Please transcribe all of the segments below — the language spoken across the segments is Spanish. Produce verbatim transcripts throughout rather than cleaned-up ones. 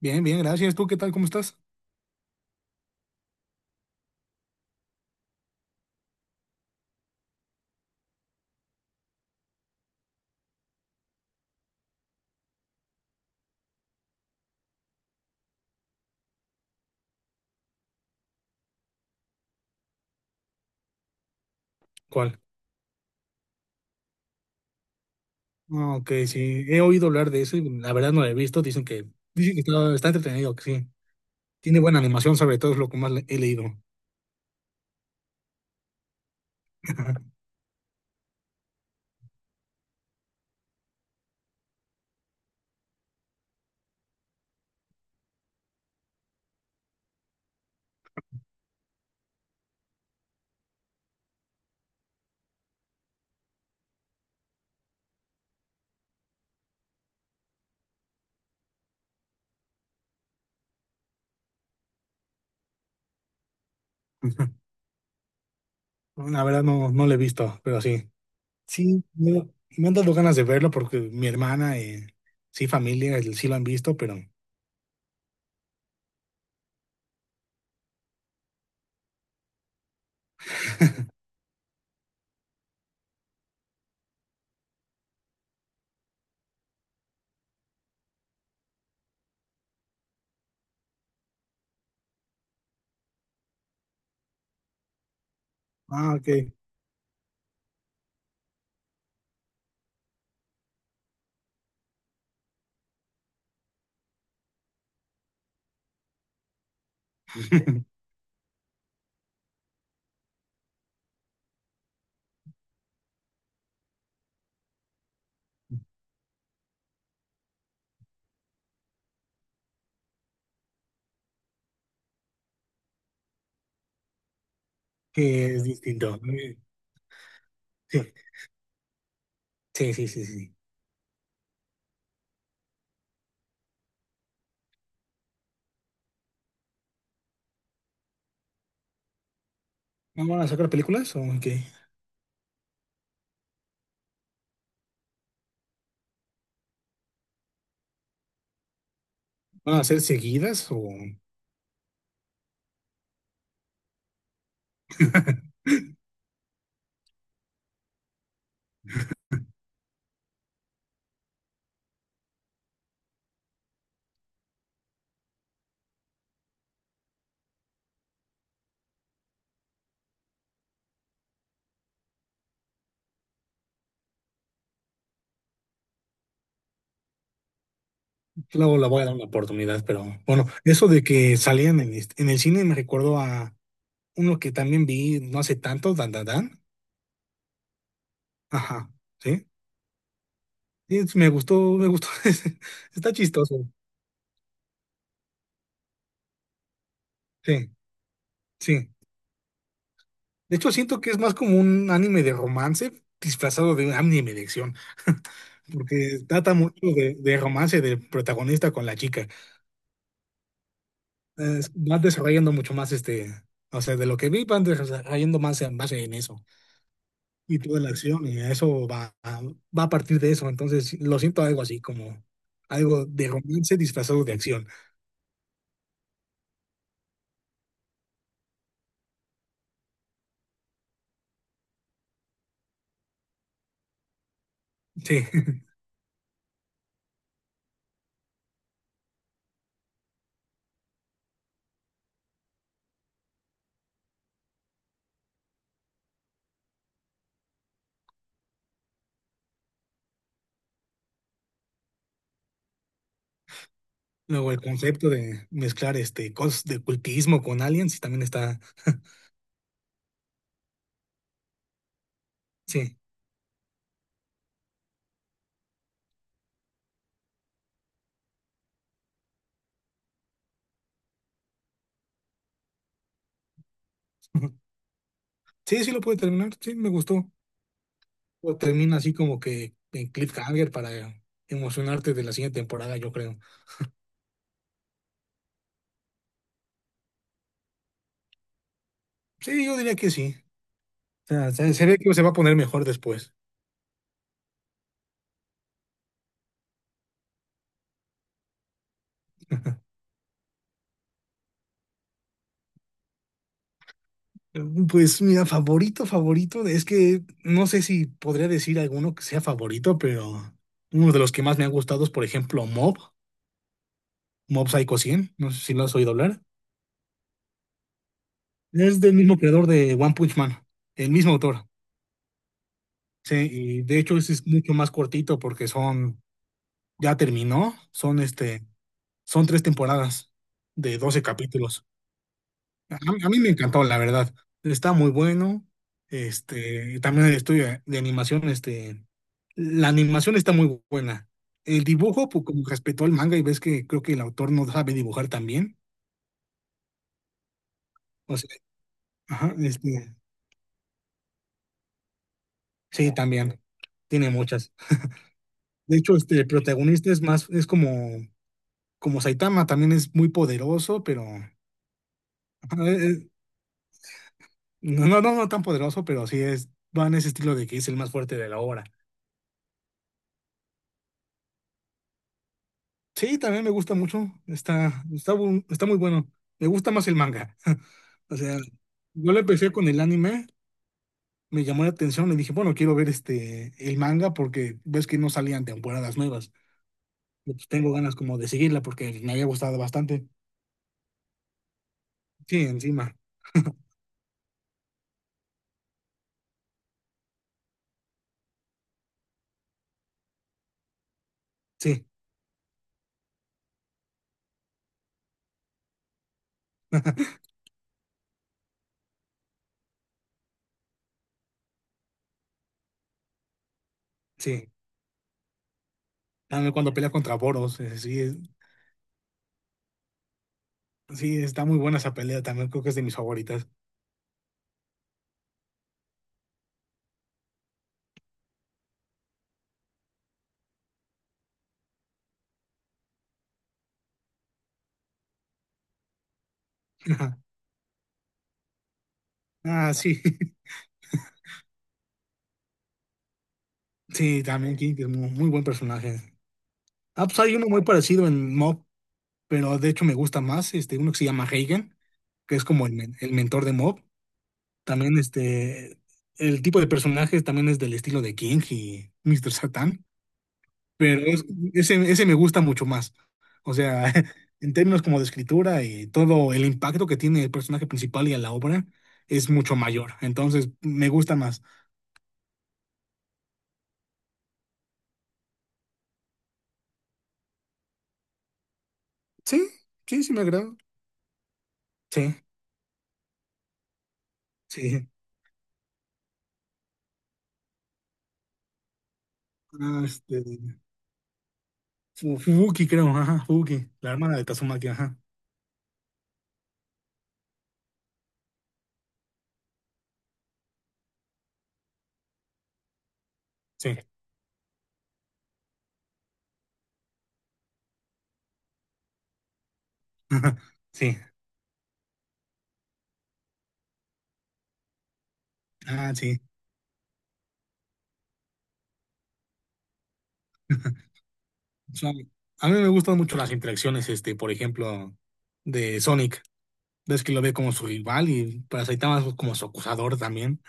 Bien, bien, gracias. ¿Tú qué tal? ¿Cómo estás? ¿Cuál? Ah, OK, sí, he oído hablar de eso y la verdad no lo he visto. Dicen que, dicen que está, está entretenido, que sí. Tiene buena animación, sobre todo es lo que más le- he leído. La verdad no, no lo he visto, pero sí. Sí, me, me han dado ganas de verlo porque mi hermana y sí, familia, el- sí lo han visto, pero... Ah, OK. Que es distinto. Eh, Sí, sí, sí, sí. sí. ¿No van a sacar películas o qué? ¿Van a ser seguidas o...? Luego la voy a dar una oportunidad, pero bueno, eso de que salían en, el- en el cine me recuerdo a uno que también vi no hace tanto, Dan Dan Dan. Ajá, sí. Y es- me gustó, me gustó. ese. Está chistoso. Sí, sí. De hecho, siento que es más como un anime de romance disfrazado de un anime de acción, porque trata mucho de, de romance del protagonista con la chica. Eh, van desarrollando mucho más este, o sea, de lo que vi, van desarrollando más, más en eso. Y toda la acción, y eso va, va a partir de eso. Entonces, sí, lo siento algo así, como algo de romance disfrazado de acción. Sí. Luego el concepto de mezclar este cosas de cultismo con aliens y también está. Sí. Sí, sí lo puede terminar. Sí, me gustó. Lo termina así como que en cliffhanger para emocionarte de la siguiente temporada, yo creo. Sí, yo diría que sí. O sea, se, se ve que se va a poner mejor después. Pues mira, favorito, favorito, es que no sé si podría decir alguno que sea favorito, pero uno de los que más me ha gustado es, por ejemplo, Mob, Mob Psycho cien, no sé si lo has oído hablar. Es del mismo creador de One Punch Man, el mismo autor. Sí, y de hecho ese es mucho más cortito porque son, ya terminó, son este, son tres temporadas de doce capítulos. A, a mí me encantó, la verdad. Está muy bueno. Este, también el estudio de animación, este, la animación está muy buena. El dibujo, pues como respetó el manga y ves que creo que el autor no sabe dibujar también. O sea, ajá, este, sí, también. Tiene muchas. De hecho, este, el protagonista es más, es como, como Saitama, también es muy poderoso, pero ajá, eh, eh, no, no, no, no tan poderoso, pero sí es, va en ese estilo de que es el más fuerte de la obra. Sí, también me gusta mucho. Está, está, bu- está muy bueno. Me gusta más el manga. O sea, yo lo empecé con el anime, me llamó la atención y dije, bueno, quiero ver este el manga porque ves que no salían temporadas nuevas. Y pues tengo ganas como de seguirla porque me había gustado bastante. Sí, encima. Sí, sí. También cuando pelea contra Boros, eh, sí, es- sí, está muy buena esa pelea también, creo que es de mis favoritas. Ah, sí. Sí, también King, que es muy, muy buen personaje. Ah, pues hay uno muy parecido en Mob, pero de hecho me gusta más, este, uno que se llama Reigen, que es como el, men- el mentor de Mob. También este, el tipo de personajes también es del estilo de King y mister Satan, pero es- ese, ese me gusta mucho más. O sea, en términos como de escritura y todo el impacto que tiene el personaje principal y a la obra es mucho mayor. Entonces, me gusta más. Sí, sí, sí me agrada. Sí, sí. Ah, este, Fu- Fubuki creo, ajá, Fubuki, la hermana de Tazumaki, ajá. Sí. Ajá, sí. Ah, sí. O a mí me gustan mucho las interacciones, este, por ejemplo, de Sonic. Ves que lo ve como su rival y para Saitama es como su acusador también.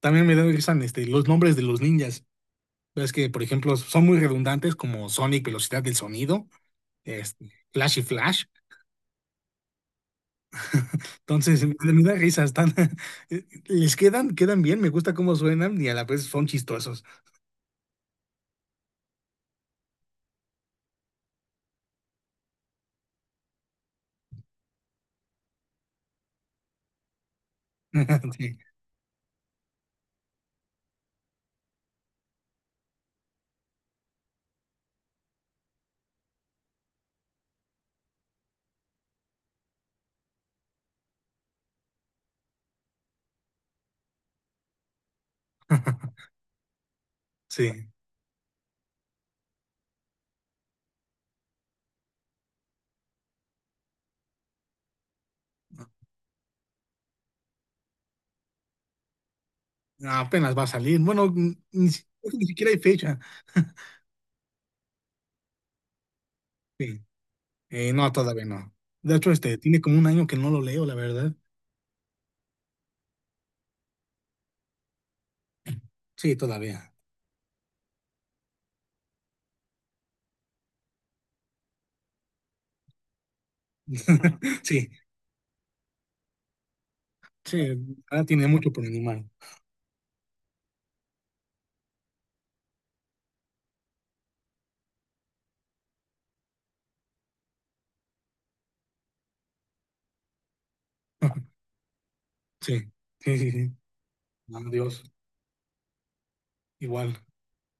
También me gustan este, los nombres de los ninjas. Ves que, por ejemplo, son muy redundantes como Sonic, velocidad del sonido, este, Flash y Flash. Entonces, me me da risa, están, les quedan, quedan bien, me gusta cómo suenan y a la vez son chistosos. Sí. Sí. Apenas va a salir. Bueno, ni, si- ni siquiera hay fecha. Sí. Eh, no, todavía no. De hecho, este, tiene como un año que no lo leo, la verdad. Sí, todavía. Sí, sí, ahora tiene mucho por animal. Sí, sí, sí, sí. Adiós, igual.